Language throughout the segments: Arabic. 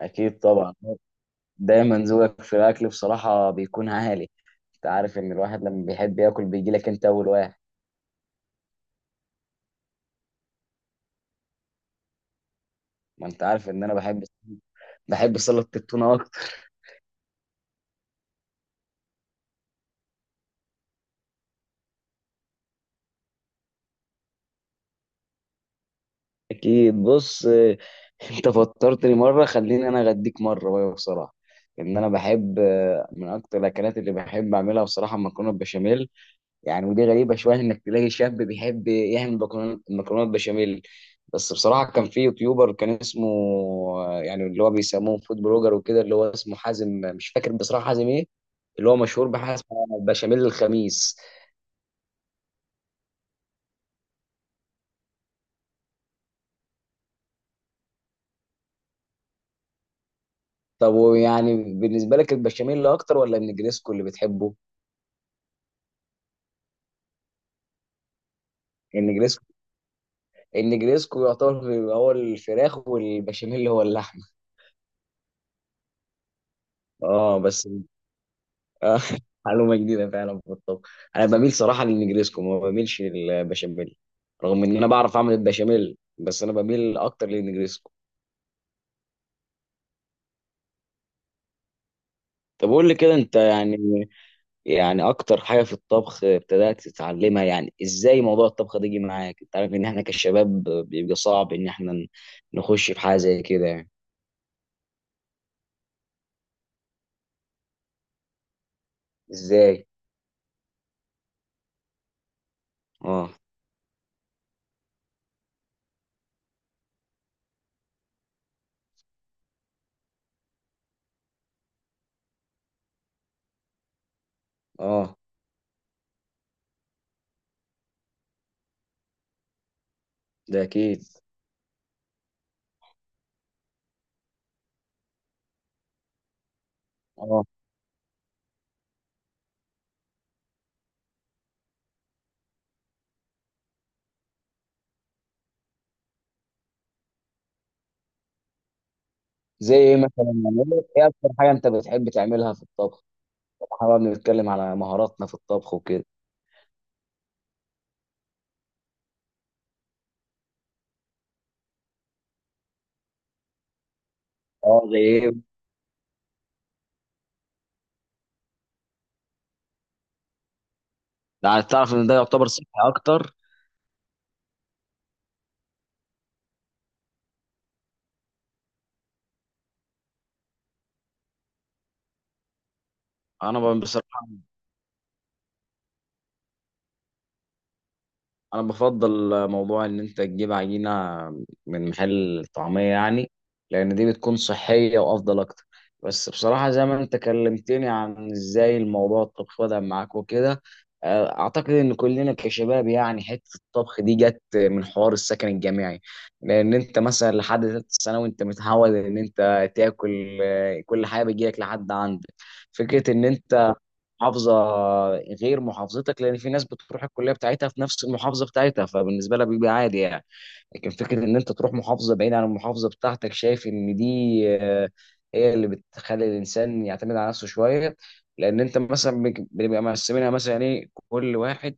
أكيد طبعا. دايما ذوقك في الأكل بصراحة بيكون عالي. أنت عارف إن الواحد لما بيحب ياكل بيجي لك أنت أول واحد. ما أنت عارف إن أنا بحب، بحب سلطة التونة أكتر. أكيد بص. أنت فطرتني مرة، خليني أنا أغديك مرة بقى. بصراحة إن أنا بحب، من أكتر الأكلات اللي بحب أعملها بصراحة المكرونة البشاميل. يعني ودي غريبة شوية إنك تلاقي شاب بيحب يعمل مكرونات بشاميل. بس بصراحة كان في يوتيوبر كان اسمه، يعني اللي هو بيسموه فود بلوجر وكده، اللي هو اسمه حازم. مش فاكر بصراحة حازم إيه، اللي هو مشهور بحاجة اسمها بشاميل الخميس. طب ويعني بالنسبة لك البشاميل أكتر ولا النجريسكو اللي بتحبه؟ النجريسكو، النجريسكو يعتبر هو الفراخ، والبشاميل هو اللحمة. اه بس. آه، معلومة جديدة فعلا في الطبخ. أنا بميل صراحة للنجريسكو، ما بميلش للبشاميل. رغم إن أنا بعرف أعمل البشاميل، بس أنا بميل أكتر للنجريسكو. طب قول لي كده أنت، يعني يعني أكتر حاجة في الطبخ ابتدأت تتعلمها، يعني إزاي موضوع الطبخ ده جه معاك؟ أنت عارف إن إحنا كشباب بيبقى صعب إن إحنا نخش في حاجة زي كده يعني. إزاي؟ آه آه. ده أكيد. آه، زي إيه مثلا؟ يعني إيه أكتر حاجة أنت بتحب تعملها في الطبخ؟ احنا بقى بنتكلم على مهاراتنا في الطبخ وكده. اه زي ايه. ده عايز تعرف ان ده يعتبر صحي اكتر. انا بصراحه، انا بفضل موضوع ان انت تجيب عجينه من محل طعميه يعني، لان دي بتكون صحيه وافضل اكتر. بس بصراحه زي ما انت كلمتني عن ازاي الموضوع الطبخ بدا معاك وكده، اعتقد ان كلنا كشباب يعني حته الطبخ دي جت من حوار السكن الجامعي. لان انت مثلا لحد ثالثه ثانوي انت متعود ان انت تاكل، كل حاجه بتجيلك لحد عندك. فكره ان انت محافظه غير محافظتك، لان في ناس بتروح الكليه بتاعتها في نفس المحافظه بتاعتها فبالنسبه لها بيبقى عادي يعني. لكن فكره ان انت تروح محافظه بعيده عن المحافظه بتاعتك، شايف ان دي آه، هي اللي بتخلي الانسان يعتمد على نفسه شويه. لان انت مثلا بنبقى مقسمينها مثلا ايه، كل واحد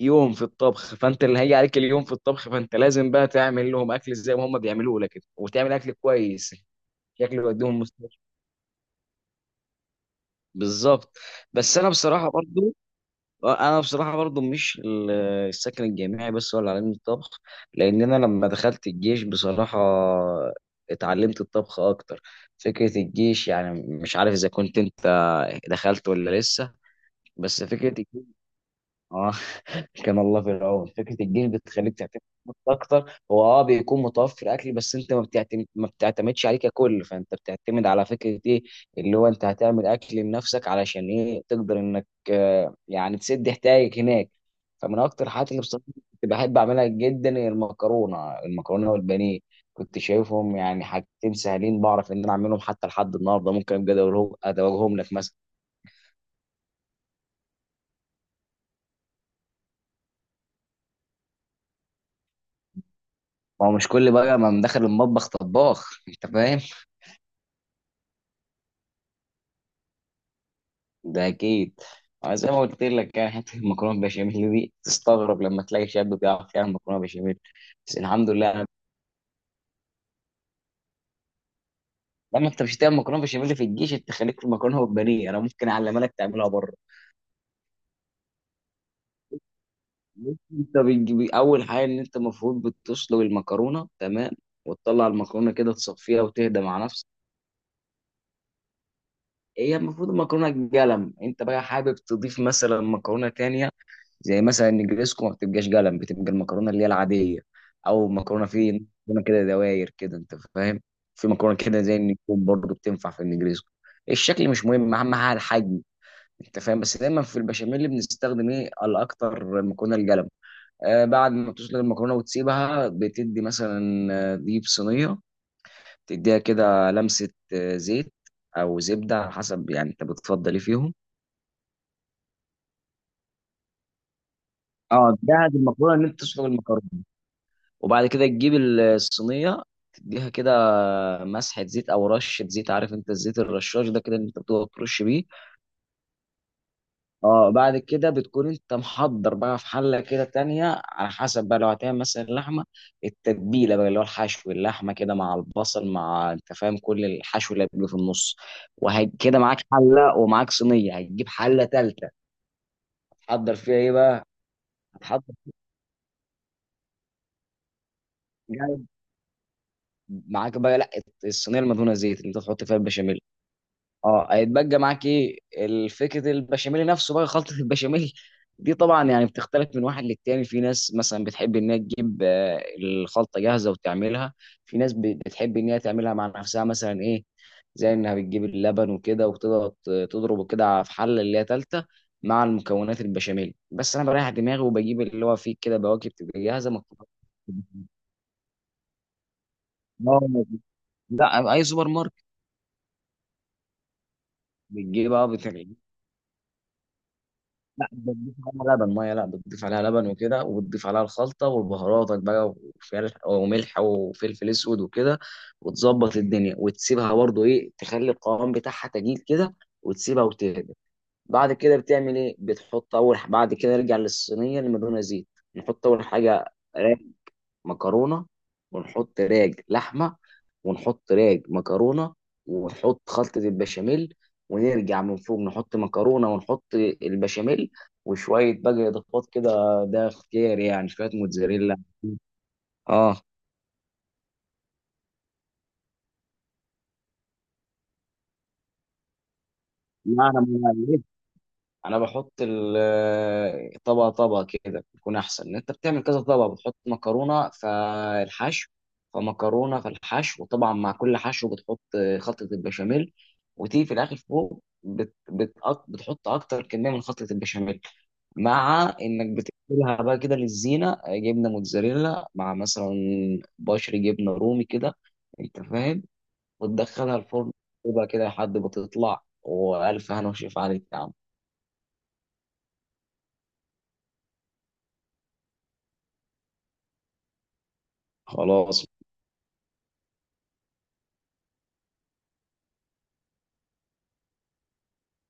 يوم في الطبخ، فانت اللي هيجي عليك اليوم في الطبخ فانت لازم بقى تعمل لهم اكل زي ما هم بيعملوه لك وتعمل اكل كويس. شكله يوديهم مستشفى. بالظبط. بس انا بصراحه برضو، انا بصراحه برضو مش ال- السكن الجامعي بس ولا علم الطبخ، لان انا لما دخلت الجيش بصراحه اتعلمت الطبخ اكتر. فكره الجيش يعني، مش عارف اذا كنت انت دخلت ولا لسه. بس فكره، اه، كان الله في العون. فكره الجيل بتخليك تعتمد على نفسك اكتر. هو اه بيكون متوفر اكل، بس انت ما بتعتمد، ما بتعتمدش عليه ككل. فانت بتعتمد على فكره ايه، اللي هو انت هتعمل اكل لنفسك علشان ايه تقدر انك يعني تسد احتياجك هناك. فمن اكتر الحاجات اللي بصراحه كنت بحب اعملها جدا هي المكرونه المكرونه والبانيه. كنت شايفهم يعني حاجتين سهلين بعرف ان انا اعملهم، حتى لحد النهارده ممكن ابقى ادوقهم ادوقهم لك مثلا. ما هو مش كل بقى ما مدخل المطبخ طباخ. انت فاهم؟ ده اكيد. أنا زي ما قلت لك، يعني حته المكرونه بشاميل دي تستغرب لما تلاقي شاب بيعرف يعمل مكرونه بشاميل. بس الحمد لله. لما انت مش هتعمل مكرونه بشاميل في الجيش، انت خليك في المكرونه والبانيه. انا ممكن اعلمها لك تعملها بره. انت بتجيب اول حاجه ان انت المفروض بتسلق المكرونه تمام، وتطلع المكرونه كده تصفيها وتهدى مع نفسك. هي المفروض المكرونه قلم. انت بقى حابب تضيف مثلا مكرونه تانية، زي مثلا النجريسكو ما بتبقاش قلم، بتبقى المكرونه اللي هي العاديه. او مكرونه في مكرونه كده دواير كده، انت فاهم؟ في مكرونه كده زي النجوم برضه بتنفع في النجريسكو. الشكل مش مهم، اهم حاجه الحجم، انت فاهم؟ بس دايما في البشاميل بنستخدم ايه الاكتر؟ المكرونه القلم. آه، بعد ما تسلق المكرونه وتسيبها، بتدي مثلا ديب صينيه، تديها كده لمسه زيت او زبده على حسب، يعني انت بتفضل ايه فيهم. اه، تجهز المكرونه ان انت تسلق المكرونه، وبعد كده تجيب الصينيه تديها كده مسحه زيت او رشه زيت، عارف انت الزيت الرشاش ده كده اللي انت بتقعد ترش بيه. اه، بعد كده بتكون انت محضر بقى في حله كده تانية، على حسب بقى لو هتعمل مثلا لحمه، التتبيله بقى اللي هو الحشو، اللحمه كده مع البصل مع انت فاهم كل الحشو اللي بيبقى في النص. وكده معاك حله ومعاك صينيه. هتجيب حله تالته، هتحضر فيها ايه بقى؟ هتحضر يعني معاك بقى لا، الصينيه المدهونه زيت اللي انت تحط فيها البشاميل. اه، هيتبقى معاك ايه؟ الفكره البشاميل نفسه بقى، خلطه البشاميل دي طبعا يعني بتختلف من واحد للتاني. في ناس مثلا بتحب ان هي تجيب الخلطه جاهزه وتعملها. في ناس بتحب ان هي تعملها مع نفسها، مثلا ايه؟ زي انها بتجيب اللبن وكده وتقعد تضربه كده في حله اللي هي تالته مع المكونات البشاميل. بس انا بريح دماغي وبجيب اللي هو فيه كده بواكب، تبقى جاهزه مكتوبة. اه. لا، اي سوبر ماركت بتجيبها. لا، بتضيف عليها لبن ميه، لا بتضيف عليها لبن وكده، وبتضيف عليها الخلطه وبهاراتك بقى، وفلفل وملح وفلفل اسود وكده، وتظبط الدنيا وتسيبها برضو ايه تخلي القوام بتاعها تجيل كده، وتسيبها وتهدى. بعد كده بتعمل ايه؟ بتحط اول بعد كده نرجع للصينيه اللي مدهونه زيت، نحط اول حاجه مكرونه، ونحط راج لحمه، ونحط راج مكرونه، ونحط خلطه البشاميل، ونرجع من فوق نحط مكرونه، ونحط البشاميل، وشويه بقى اضافات كده، ده اختيار يعني، شويه موتزاريلا. اه، لا، انا انا بحط طبقه طبقه كده، بيكون احسن ان انت بتعمل كذا طبقه، بتحط مكرونه فالحشو فمكرونه فالحشو، وطبعا مع كل حشو بتحط خلطه البشاميل، وتيجي في الاخر فوق بت بت بتحط اكتر كميه من خلطه البشاميل، مع انك بتقلبها بقى كده للزينه، جبنه موتزاريلا مع مثلا بشر جبنه رومي كده، انت فاهم؟ وتدخلها الفرن، تبقى كده لحد ما تطلع والف هنا وشفا عليك يا عم. خلاص.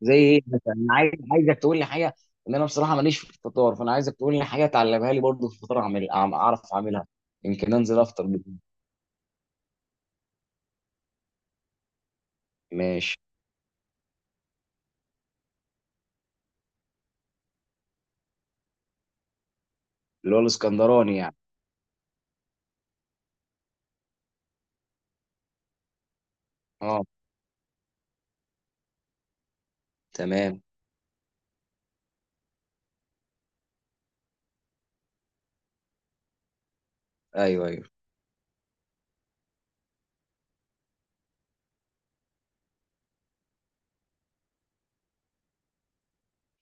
زي ايه مثلا؟ انا عايز عايزك تقول لي حاجه، ان انا بصراحه ماليش في الفطار، فانا عايزك تقول لي حاجه تعلمها لي برضه في الفطار، اعمل اعرف اعملها، يمكن انزل افطر بيه. ماشي. اللي هو الاسكندراني يعني. اه. تمام. ايوه ايوه.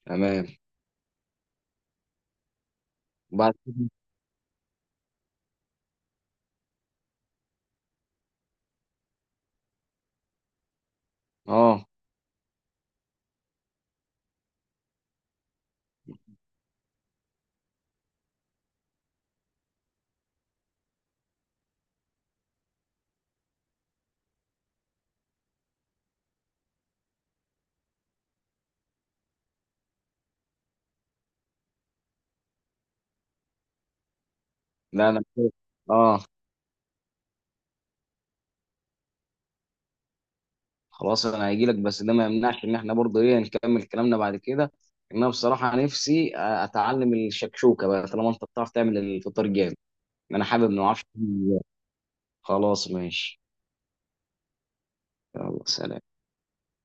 تمام. وبعد كده اه. لا، انا كده. اه، خلاص. انا هيجي لك، بس ده ما يمنعش ان احنا برضه ايه نكمل كلامنا بعد كده، ان انا بصراحه نفسي اتعلم الشكشوكه بقى، طالما انت بتعرف تعمل الفطار جامد. انا حابب ما اعرفش. خلاص ماشي. يلا سلام.